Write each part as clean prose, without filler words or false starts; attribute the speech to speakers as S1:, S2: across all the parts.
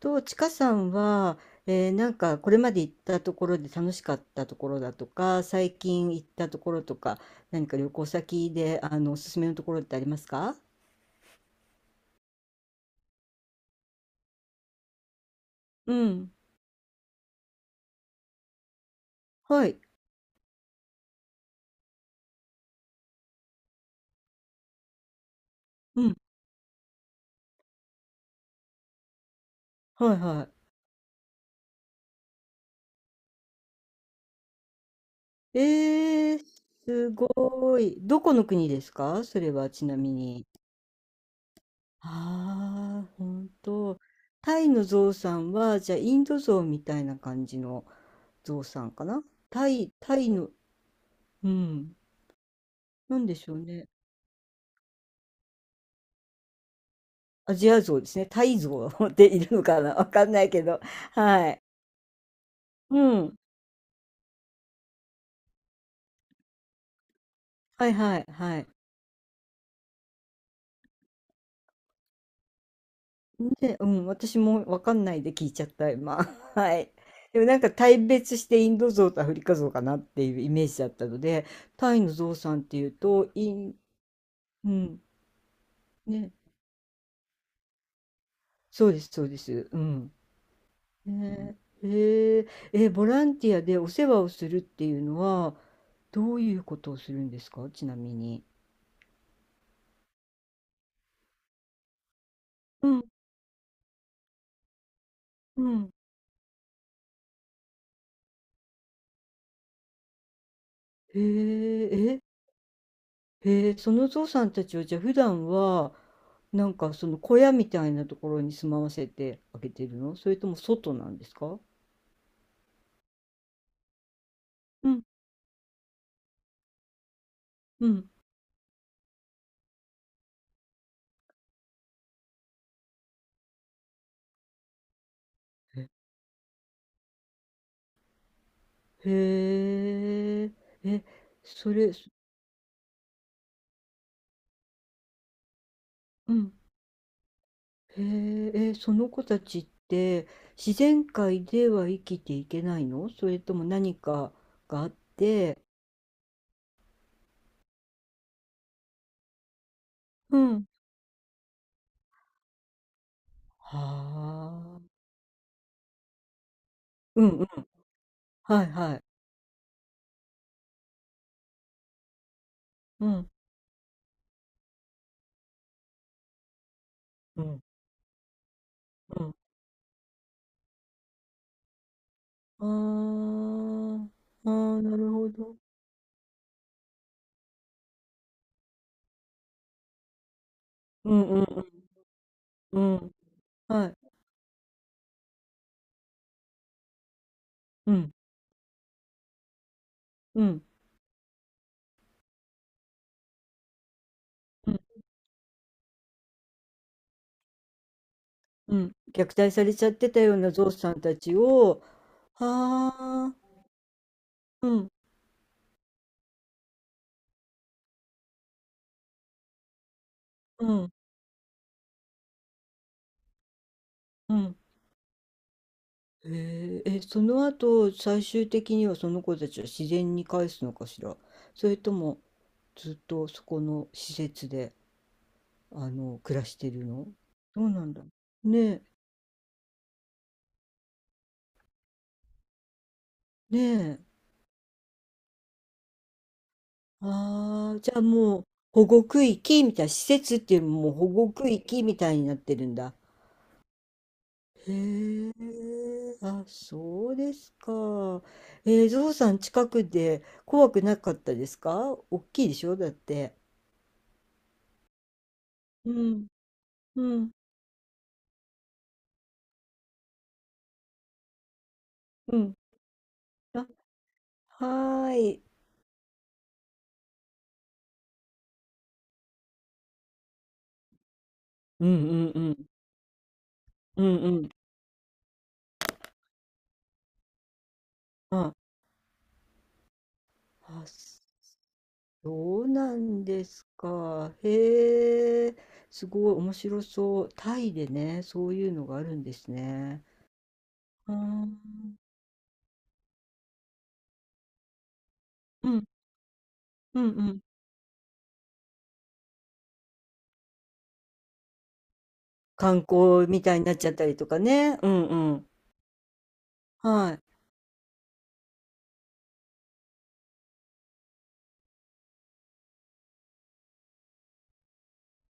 S1: と、ちかさんは、なんかこれまで行ったところで楽しかったところだとか、最近行ったところとか、何か旅行先で、あの、おすすめのところってありますか？うん。はい。うん。はいはい。すごい。どこの国ですかそれはちなみに。ああ、本当。タイのゾウさんは、じゃあインドゾウみたいな感じのゾウさんかな。タイの、うん。なんでしょうね。アジアゾウですね。タイゾウでいるのかな、わかんないけど、はい。うん。はいはいはい。で、うん、私もわかんないで聞いちゃった、今。はい。でもなんか大別してインドゾウとアフリカゾウかなっていうイメージだったので、タイのゾウさんっていうと、うん、ね、そうです、そうです。うん。ね、えー、ボランティアでお世話をするっていうのは、どういうことをするんですか、ちなみに。うん、うん。へえ、へえ、そのゾウさんたちをじゃあ普段はなんかその小屋みたいなところに住まわせてあげてるの、それとも外なんですか？うんうん。へえ。えそれそうん。へえ。その子たちって自然界では生きていけないの、それとも何かがあって？うん。はあ。うん、うん。はいはい。うん、うん、うん。あー、あー、なるほど。うん、うん、うん、うん。はい。うん。うん。うん。うん。虐待されちゃってたようなゾウさんたちを、はあ、うん。うん。うん。へえ、え、その後、最終的にはその子たちは自然に返すのかしら。それとも、ずっとそこの施設で、あの、暮らしてるの？どうなんだろう。ねえ、ねえ。ああ、じゃあもう、保護区域みたいな、施設っていうよりももう保護区域みたいになってるんだ。へえ、あ、そうですか。ゾウさん近くで怖くなかったですか？大きいでしょだって。うん、うん、うん。あ、はーい。うんうんうん。うんうん。あ、あ、そうなんですか。へえ、すごい面白そう。タイでね、そういうのがあるんですね。うん、うん、うんうん。観光みたいになっちゃったりとかね。うんうん。はい。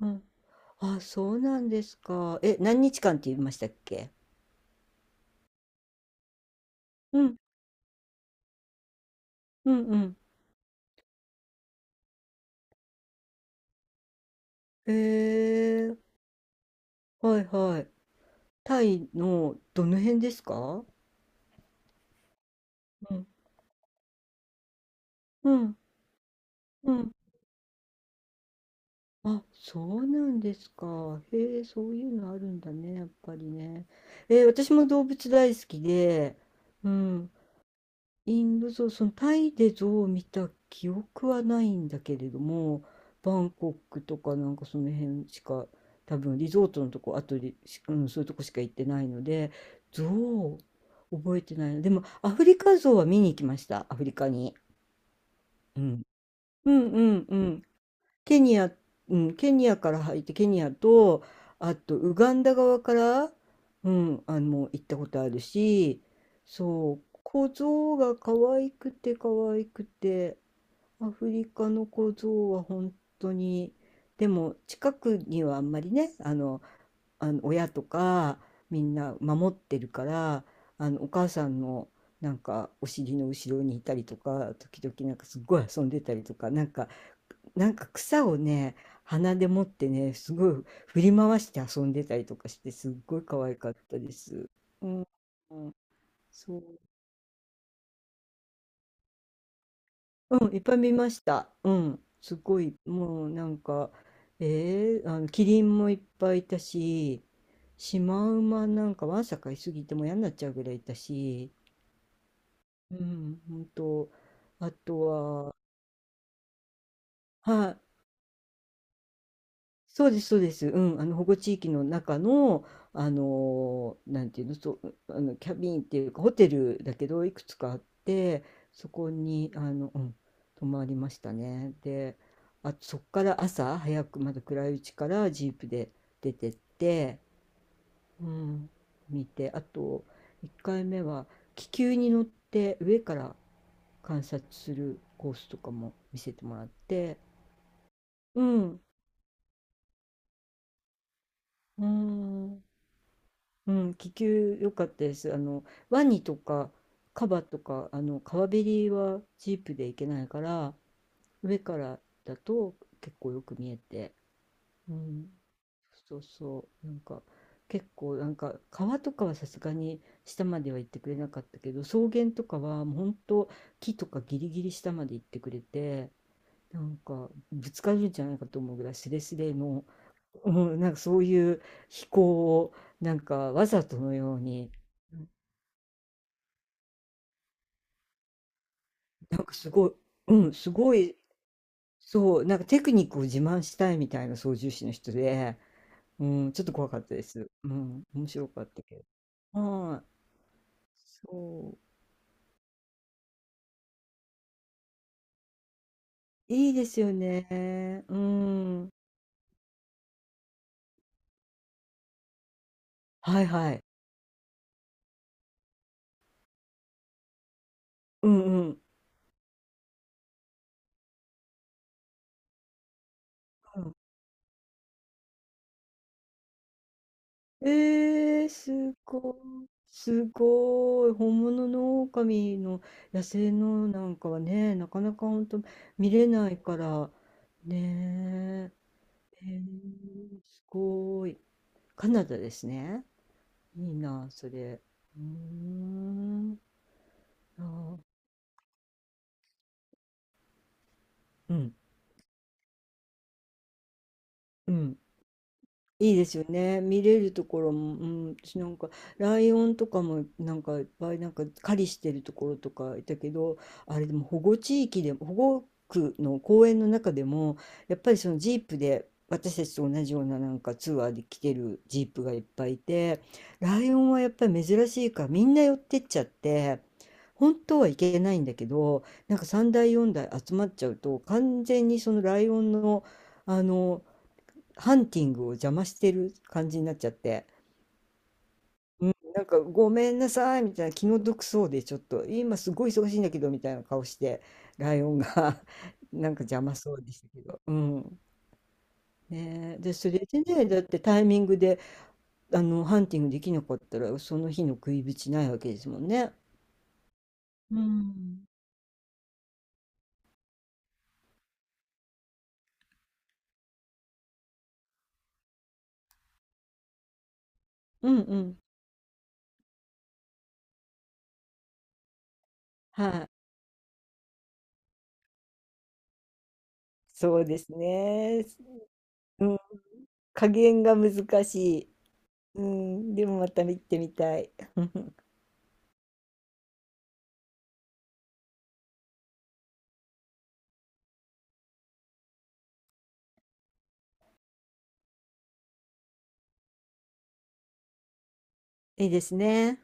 S1: うん。あ、そうなんですか。え、何日間って言いましたっけ？うん、うんうん。へえー、はいはい。タイのどの辺ですか？うん、うん、うん。あ、そうなんですか。へえ、そういうのあるんだね、やっぱりね。え、私も動物大好きで、うん、インドゾそのタイでゾウを見た記憶はないんだけれども、バンコクとかなんかその辺しか、多分リゾートのとこ、あとリうん、そういうとこしか行ってないので、ゾウ、覚えてないな。でも、アフリカゾウは見に行きました、アフリカに。うん。うんうんうん。ケニア、うん、ケニアから入ってケニアとあとウガンダ側から、うん、あの行ったことあるし、そう、小僧が可愛くて可愛くて、アフリカの小僧は本当に、でも近くにはあんまりね、あの、あの親とかみんな守ってるから、あのお母さんのなんかお尻の後ろにいたりとか、時々なんかすっごい遊んでたりとか、なんか草をね、鼻で持ってね、すごい振り回して遊んでたりとかして、すっごい可愛かったです。うん、うん、そう、うん、いっぱい見ました。うん、すごい、もうなんか、あの、キリンもいっぱいいたし、シマウマなんかわんさかいすぎてもう嫌になっちゃうぐらいいたし、うん、ほんと、あとは、はい、そうです、そうです。うん、あの保護地域の中の、なんていうの、そう、あのキャビンっていうかホテルだけどいくつかあって、そこにあの、うん、泊まりましたね。で、あ、そこから朝早くまだ暗いうちからジープで出てって、うん、見て、あと1回目は気球に乗って上から観察するコースとかも見せてもらって、うん、うん、うん、気球良かったです。あの、ワニとかカバとか、あの、川べりはジープで行けないから、上からだと結構よく見えて、うん、そうそう、なんか、結構なんか川とかはさすがに下までは行ってくれなかったけど、草原とかはもう本当木とかギリギリ下まで行ってくれて、なんかぶつかるんじゃないかと思うぐらいスレスレの、うん、なんかそういう飛行をなんかわざとのように。うなんかすごい、うん、すごい、そう、なんかテクニックを自慢したいみたいな操縦士の人で、うん、ちょっと怖かったです。うん、面白かったけど。はい、そう。いいですよね。うん。はいはい。うんうん。うん、ええ、すごい。すごい。本物の狼の、野生のなんかはね、なかなかほんと見れないから、ねえ。ええ、すごい。カナダですね。いいな、それ。うーん。ああ、うん、うん。いいですよね。見れるところも、うん、私なんか、ライオンとかも、なんか、いっぱい、なんか、狩りしてるところとかいたけど、あれでも保護地域でも、保護区の公園の中でも、やっぱりそのジープで、私たちと同じようななんかツアーで来てるジープがいっぱいいて、ライオンはやっぱり珍しいから、みんな寄ってっちゃって、本当はいけないんだけど、なんか3台4台集まっちゃうと、完全にそのライオンの、あの、ハンティングを邪魔してる感じになっちゃって、うん、なんかごめんなさいみたいな気の毒そうで、ちょっと今すごい忙しいんだけどみたいな顔してライオンが なんか邪魔そうでしたけど、うん、ねえ、でそれでね、だってタイミングであのハンティングできなかったらその日の食いぶちないわけですもんね。うん、うんうん、はい、そうですね、うん、加減が難しい、うん、でもまた見てみたい。いいですね。